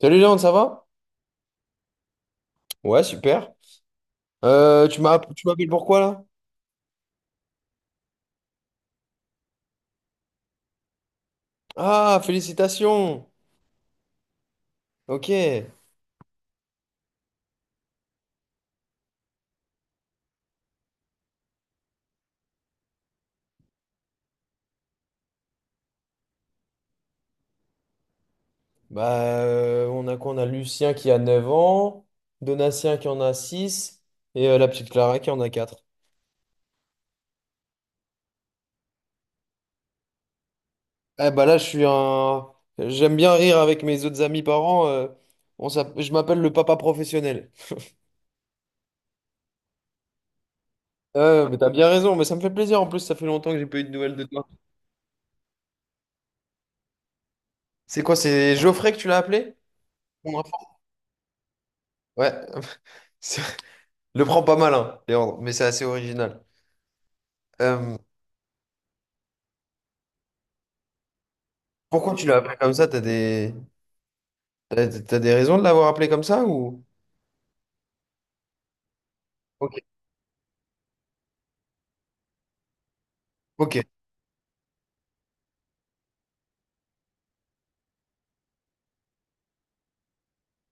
Salut Léon, ça va? Ouais, super. Tu m'appelles pourquoi là? Ah, félicitations! Ok. On a quoi? On a Lucien qui a 9 ans, Donatien qui en a 6 et la petite Clara qui en a 4. Eh bah là, je suis un. J'aime bien rire avec mes autres amis parents. Je m'appelle le papa professionnel. Mais t'as bien raison, mais ça me fait plaisir. En plus, ça fait longtemps que j'ai pas eu de nouvelles de toi. C'est quoi? C'est Geoffrey que tu l'as appelé? Mon enfant. Ouais. Le prends pas mal, hein, Léandre, mais c'est assez original. Euh, pourquoi tu l'as appelé comme ça? T'as des... t'as des raisons de l'avoir appelé comme ça ou... Ok. Ok,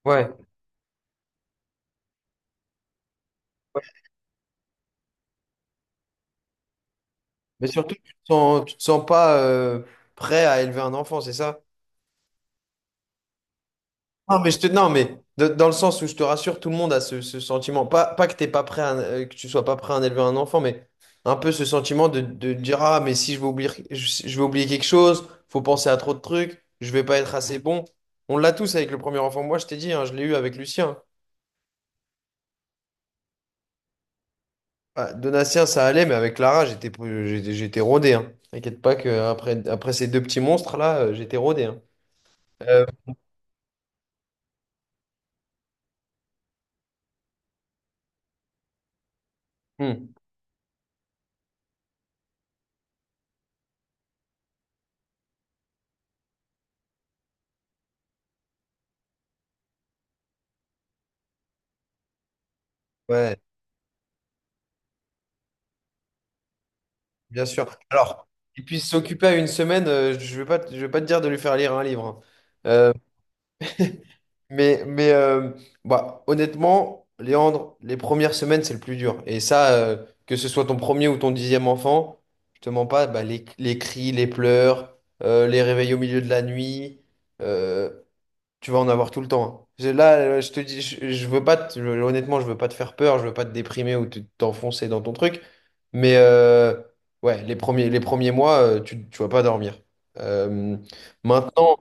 ouais. Mais surtout, tu te sens pas prêt à élever un enfant, c'est ça? Non, mais, non, mais dans le sens où je te rassure, tout le monde a ce, ce sentiment. Pas que t'es pas prêt à- que tu sois pas prêt à en élever un enfant, mais un peu ce sentiment de dire, Ah, mais si je vais oublier, je vais oublier quelque chose, faut penser à trop de trucs, je vais pas être assez bon. On l'a tous avec le premier enfant. Moi, je t'ai dit, hein, je l'ai eu avec Lucien. Ah, Donatien, ça allait, mais avec Clara, j'étais pou- j'étais j'étais rodé. Hein. T'inquiète pas que après après ces deux petits monstres-là, j'étais rodé. Hein. Euh, hmm, ouais. Bien sûr. Alors, qu'il puisse s'occuper à une semaine, je vais pas te dire de lui faire lire un livre. Hein. Euh, mais mais euh, bah, honnêtement, Léandre, les premières semaines, c'est le plus dur. Et ça, que ce soit ton premier ou ton 10e enfant, je te mens pas. Bah, les cris, les pleurs, les réveils au milieu de la nuit, euh, tu vas en avoir tout le temps. Hein. Je te dis, je veux pas te- honnêtement, je veux pas te faire peur, je veux pas te déprimer ou te- t'enfoncer dans ton truc. Mais ouais, les premiers mois, tu vas pas dormir. Euh, maintenant,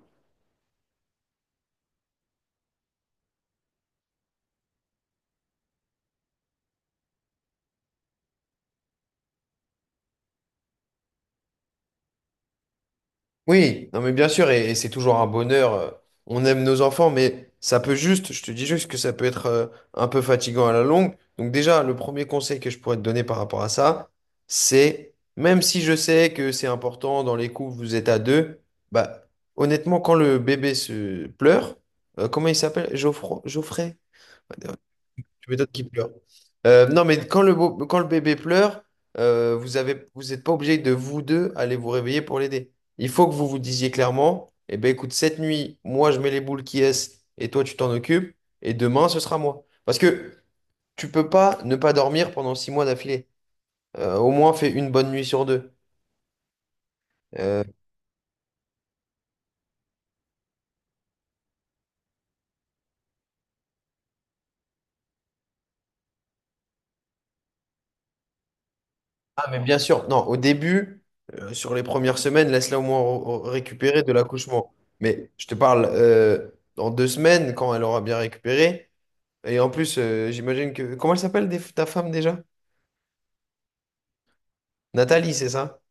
Oui, non mais bien sûr, et c'est toujours un bonheur. On aime nos enfants, mais ça peut juste, je te dis juste que ça peut être un peu fatigant à la longue. Donc déjà, le premier conseil que je pourrais te donner par rapport à ça, c'est, même si je sais que c'est important, dans les couples, vous êtes à deux. Bah honnêtement, quand le bébé se pleure, comment il s'appelle? Geoffroy, Geoffrey? Tu m'étonnes qu'il pleure. Non, mais quand le, beau- quand le bébé pleure, vous n'êtes pas obligé de vous deux aller vous réveiller pour l'aider. Il faut que vous vous disiez clairement, eh ben écoute, cette nuit, moi je mets les boules qui est et toi tu t'en occupes et demain ce sera moi. Parce que tu peux pas ne pas dormir pendant 6 mois d'affilée. Au moins fais une bonne nuit sur deux. Euh, ah mais bien sûr, non, au début, sur les premières semaines, laisse-la au moins récupérer de l'accouchement. Mais je te parle dans 2 semaines quand elle aura bien récupéré. Et en plus, j'imagine que... Comment elle s'appelle ta femme déjà? Nathalie, c'est ça?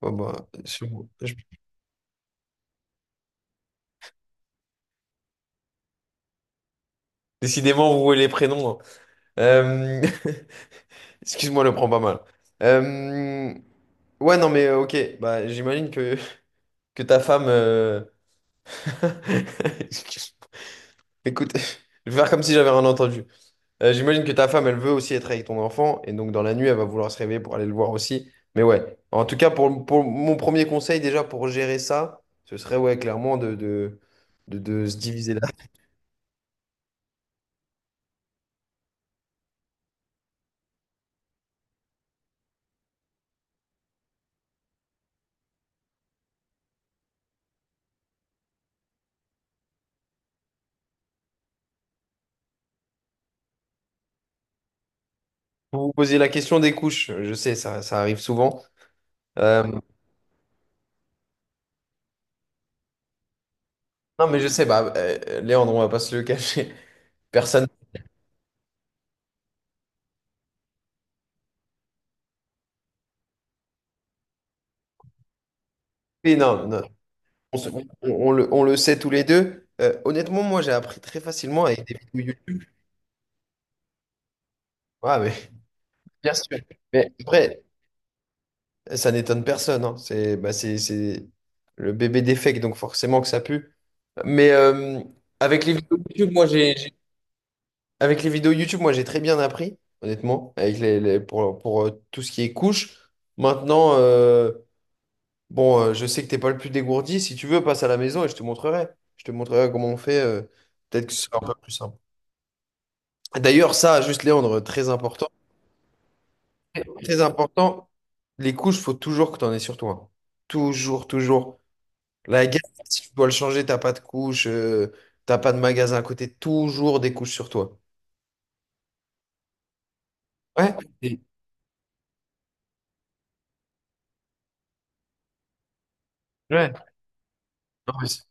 Bon, bah, sur- je- Décidément, rouer les prénoms. Hein. Euh, Excuse-moi, le prends pas mal. Euh, Ouais, non, mais ok. Bah, j'imagine que ta femme... Écoute, je vais faire comme si j'avais rien entendu. J'imagine que ta femme, elle veut aussi être avec ton enfant, et donc dans la nuit, elle va vouloir se réveiller pour aller le voir aussi. Mais ouais, en tout cas, pour mon premier conseil déjà pour gérer ça, ce serait ouais, clairement de se diviser là. Vous vous posez la question des couches, je sais, ça arrive souvent. Euh, non, mais je sais, Léandre, on va pas se le cacher. Personne ne non, non, on, se- on le sait tous les deux. Honnêtement, moi, j'ai appris très facilement avec des vidéos YouTube. Ah, mais bien sûr. Mais après, ça n'étonne personne, hein. C'est bah, c'est le bébé défect, donc forcément que ça pue. Mais avec les vidéos YouTube, avec les vidéos YouTube, moi j'ai très bien appris, honnêtement, avec pour tout ce qui est couche. Maintenant, bon, je sais que t'es pas le plus dégourdi. Si tu veux, passe à la maison et je te montrerai. Je te montrerai comment on fait. Peut-être que ce sera un peu plus simple. D'ailleurs, ça, juste Léandre, très important, très important. Les couches, faut toujours que tu en aies sur toi. Toujours, toujours. La guerre, si tu dois le changer, t'as pas de couche, t'as pas de magasin à côté, toujours des couches sur toi. Ouais. Et- Ouais. Non, mais c'est-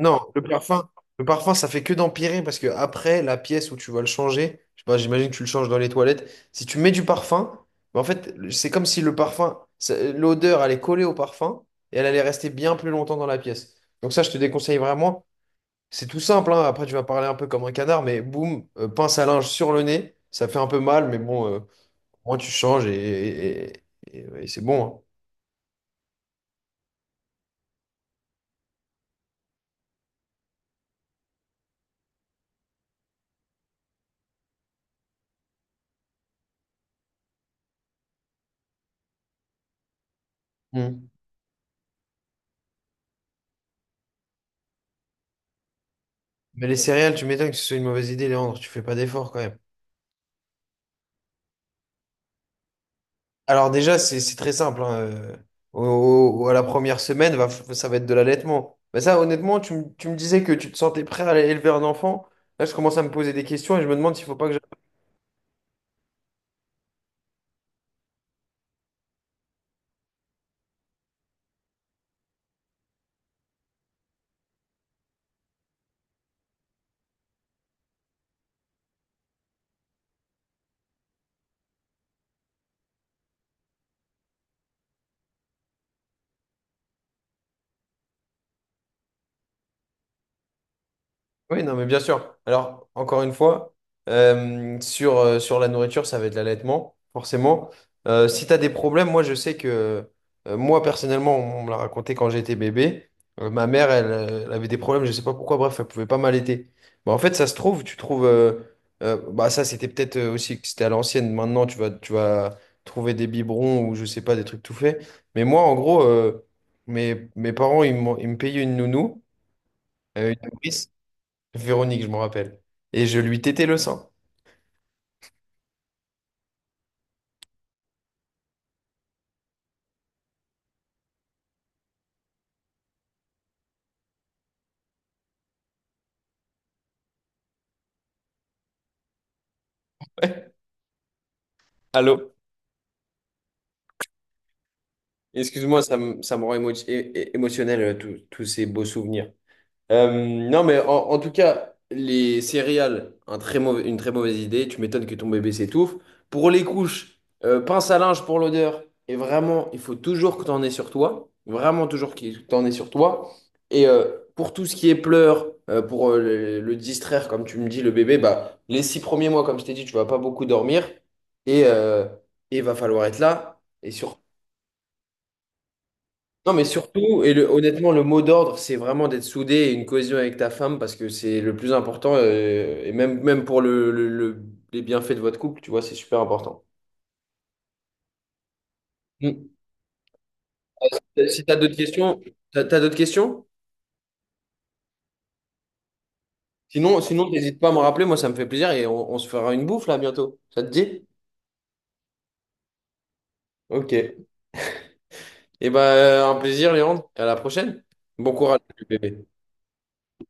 non, le parfum, ça fait que d'empirer parce que après, la pièce où tu vas le changer, je sais pas, j'imagine que tu le changes dans les toilettes. Si tu mets du parfum, bah, en fait, c'est comme si le parfum, l'odeur allait coller au parfum et elle allait rester bien plus longtemps dans la pièce. Donc ça, je te déconseille vraiment. C'est tout simple, hein. Après, tu vas parler un peu comme un canard, mais boum, pince à linge sur le nez, ça fait un peu mal, mais bon. Moi, tu changes et ouais, c'est bon. Hein. Mm. Mais les céréales, tu m'étonnes que ce soit une mauvaise idée, Léandre. Tu fais pas d'effort quand même. Alors déjà, c'est très simple. Hein, au- à la première semaine, va, ça va être de l'allaitement. Mais ça, honnêtement, tu me disais que tu te sentais prêt à élever un enfant. Là, je commence à me poser des questions et je me demande s'il faut pas que. Oui, non, mais bien sûr. Alors, encore une fois, sur la nourriture, ça va être l'allaitement, forcément. Si tu as des problèmes, moi, je sais que, moi, personnellement, on me l'a raconté quand j'étais bébé. Ma mère, elle, elle avait des problèmes, je sais pas pourquoi, bref, elle pouvait pas m'allaiter. Bah, en fait, ça se trouve, tu trouves. Bah, ça, c'était peut-être aussi que c'était à l'ancienne. Maintenant, tu vas trouver des biberons ou je sais pas, des trucs tout faits. Mais moi, en gros, mes parents, ils me payaient une nounou, une nourrice. Véronique, je m'en rappelle. Et je lui tétais le sang. Ouais. Allô? Excuse-moi, ça me rend émotionnel, tous ces beaux souvenirs. Euh, non, mais en tout cas, les céréales, une très mauvaise idée. Tu m'étonnes que ton bébé s'étouffe. Pour les couches, pince à linge pour l'odeur. Et vraiment, il faut toujours que tu en aies sur toi. Vraiment, toujours que tu en aies sur toi. Et pour tout ce qui est pleurs, pour le distraire, comme tu me dis, le bébé, bah, les 6 premiers mois, comme je t'ai dit, tu vas pas beaucoup dormir. Et euh, et il va falloir être là. Et surtout, non, mais surtout, honnêtement, le mot d'ordre, c'est vraiment d'être soudé et une cohésion avec ta femme parce que c'est le plus important, et même, même pour les bienfaits de votre couple, tu vois, c'est super important. Mm. Si tu as d'autres questions, t'as d'autres questions? Sinon, sinon, n'hésite pas à me rappeler, moi, ça me fait plaisir et on se fera une bouffe là bientôt. Ça te dit? Ok. Et ben, un plaisir, Léandre. À la prochaine. Bon courage, bébé.